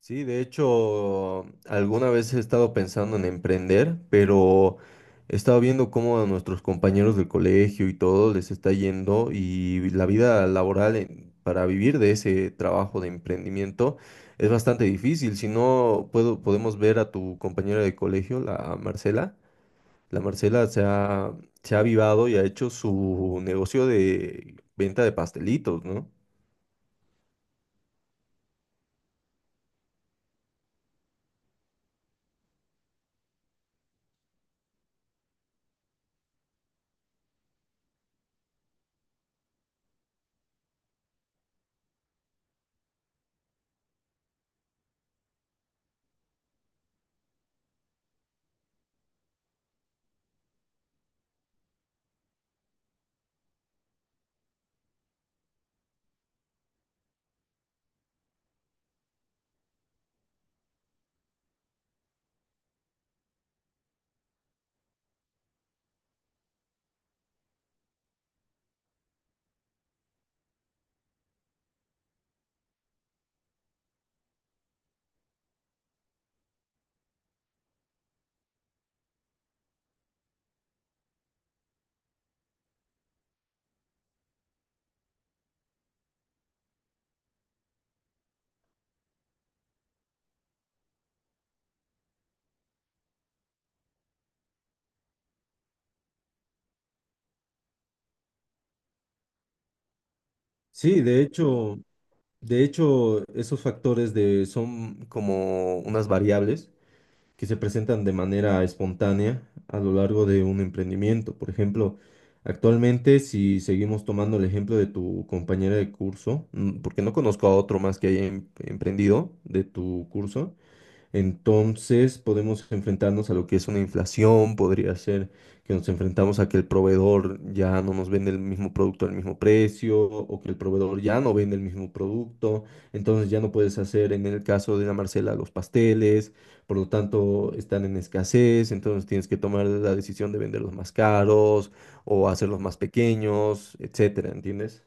Sí, de hecho, alguna vez he estado pensando en emprender, pero he estado viendo cómo a nuestros compañeros del colegio y todo les está yendo y la vida laboral para vivir de ese trabajo de emprendimiento es bastante difícil. Si no, podemos ver a tu compañera de colegio, la Marcela. La Marcela se ha, se ha avivado y ha hecho su negocio de venta de pastelitos, ¿no? Sí, de hecho. De hecho, esos factores de, son como unas variables que se presentan de manera espontánea a lo largo de un emprendimiento. Por ejemplo, actualmente, si seguimos tomando el ejemplo de tu compañera de curso, mm, porque no conozco a otro más que haya emprendido de tu curso, entonces podemos enfrentarnos a lo que es una inflación, podría ser que nos enfrentamos a que el proveedor ya no nos vende el mismo producto al mismo precio o que el proveedor ya no vende el mismo producto, entonces ya no puedes hacer en el caso de la Marcela los pasteles, por lo tanto están en escasez, entonces tienes que tomar la decisión de venderlos más caros o hacerlos más pequeños, etcétera, ¿entiendes?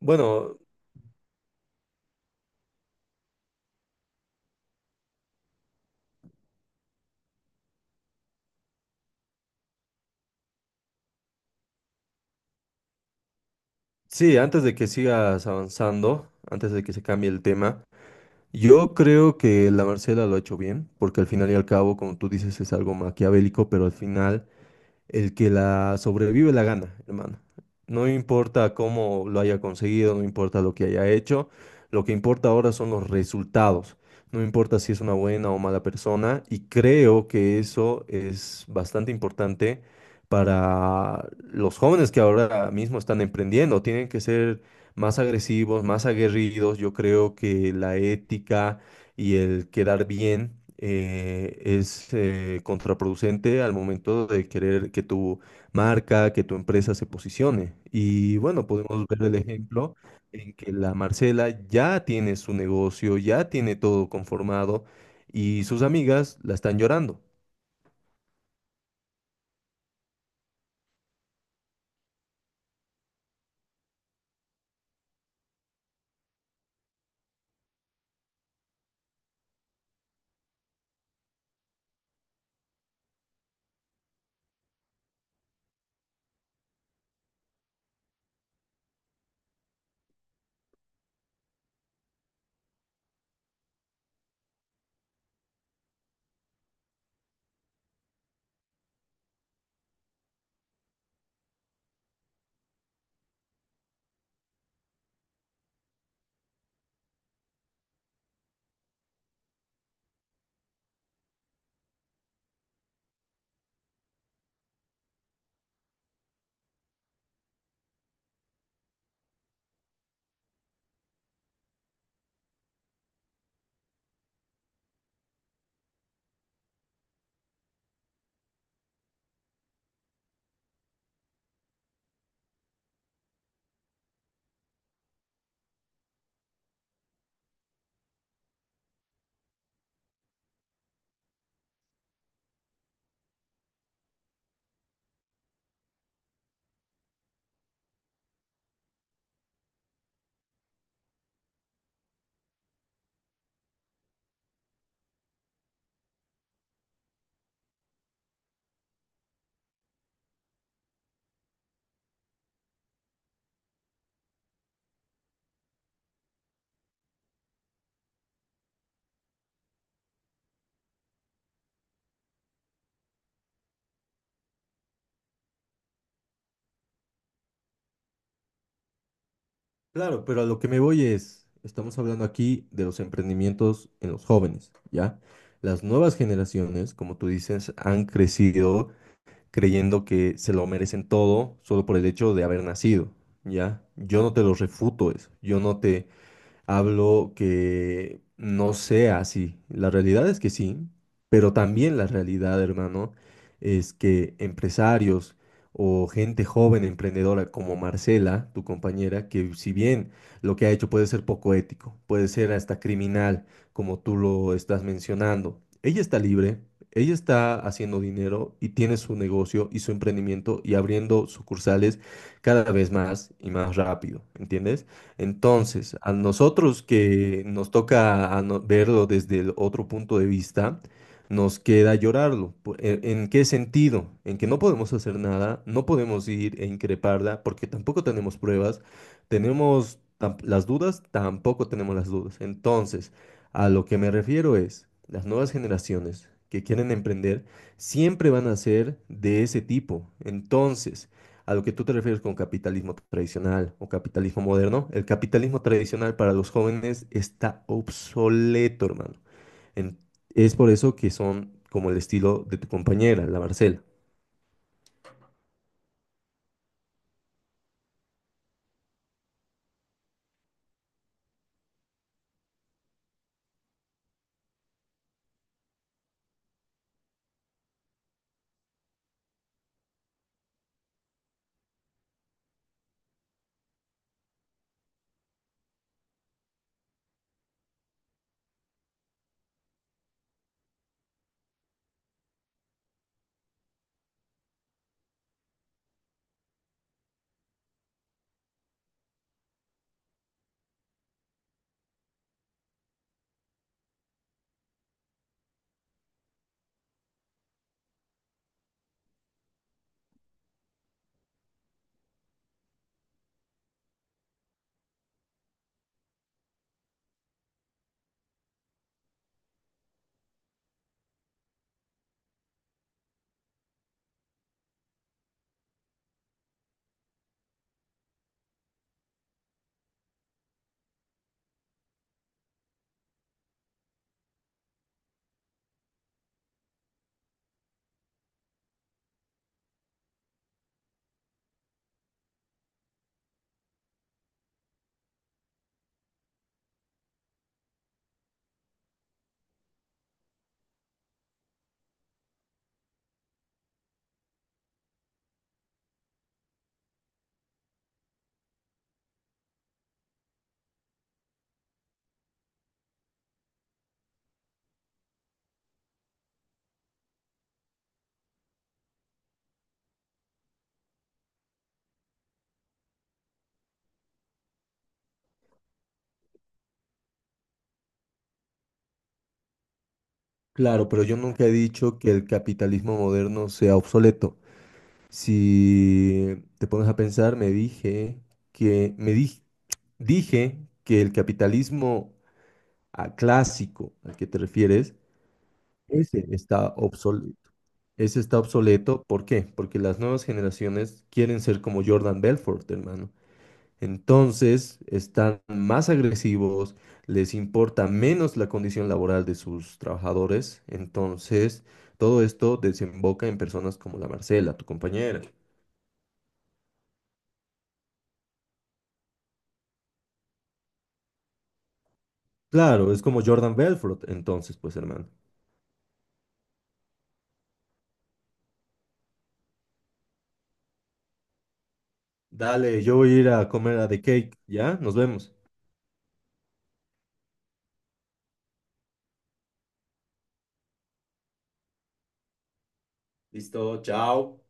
Bueno, sí, antes de que sigas avanzando, antes de que se cambie el tema. Yo creo que la Marcela lo ha hecho bien, porque al final y al cabo, como tú dices, es algo maquiavélico, pero al final el que la sobrevive la gana, hermano. No importa cómo lo haya conseguido, no importa lo que haya hecho, lo que importa ahora son los resultados. No importa si es una buena o mala persona y creo que eso es bastante importante para los jóvenes que ahora mismo están emprendiendo. Tienen que ser más agresivos, más aguerridos. Yo creo que la ética y el quedar bien es contraproducente al momento de querer que tu marca, que tu empresa se posicione. Y bueno, podemos ver el ejemplo en que la Marcela ya tiene su negocio, ya tiene todo conformado y sus amigas la están llorando. Claro, pero a lo que me voy es, estamos hablando aquí de los emprendimientos en los jóvenes, ¿ya? Las nuevas generaciones, como tú dices, han crecido creyendo que se lo merecen todo solo por el hecho de haber nacido, ¿ya? Yo no te lo refuto eso, yo no te hablo que no sea así. La realidad es que sí, pero también la realidad, hermano, es que empresarios o gente joven emprendedora como Marcela, tu compañera, que si bien lo que ha hecho puede ser poco ético, puede ser hasta criminal, como tú lo estás mencionando, ella está libre. Ella está haciendo dinero y tiene su negocio y su emprendimiento y abriendo sucursales cada vez más y más rápido, ¿entiendes? Entonces, a nosotros que nos toca a verlo desde el otro punto de vista, nos queda llorarlo. En qué sentido? En que no podemos hacer nada, no podemos ir e increparla porque tampoco tenemos pruebas, tenemos tam- las dudas, tampoco tenemos las dudas. Entonces, a lo que me refiero es, las nuevas generaciones que quieren emprender siempre van a ser de ese tipo. Entonces, a lo que tú te refieres con capitalismo tradicional o capitalismo moderno, el capitalismo tradicional para los jóvenes está obsoleto, hermano. En- es por eso que son como el estilo de tu compañera, la Marcela. Claro, pero yo nunca he dicho que el capitalismo moderno sea obsoleto. Si te pones a pensar, me dije que me di- dije que el capitalismo clásico al que te refieres, ese está obsoleto. Ese está obsoleto, ¿por qué? Porque las nuevas generaciones quieren ser como Jordan Belfort, hermano. Entonces están más agresivos, les importa menos la condición laboral de sus trabajadores. Entonces todo esto desemboca en personas como la Marcela, tu compañera. Claro, es como Jordan Belfort, entonces, pues, hermano. Dale, yo voy a ir a comer a The Cake, ¿ya? Nos vemos. Listo, chao.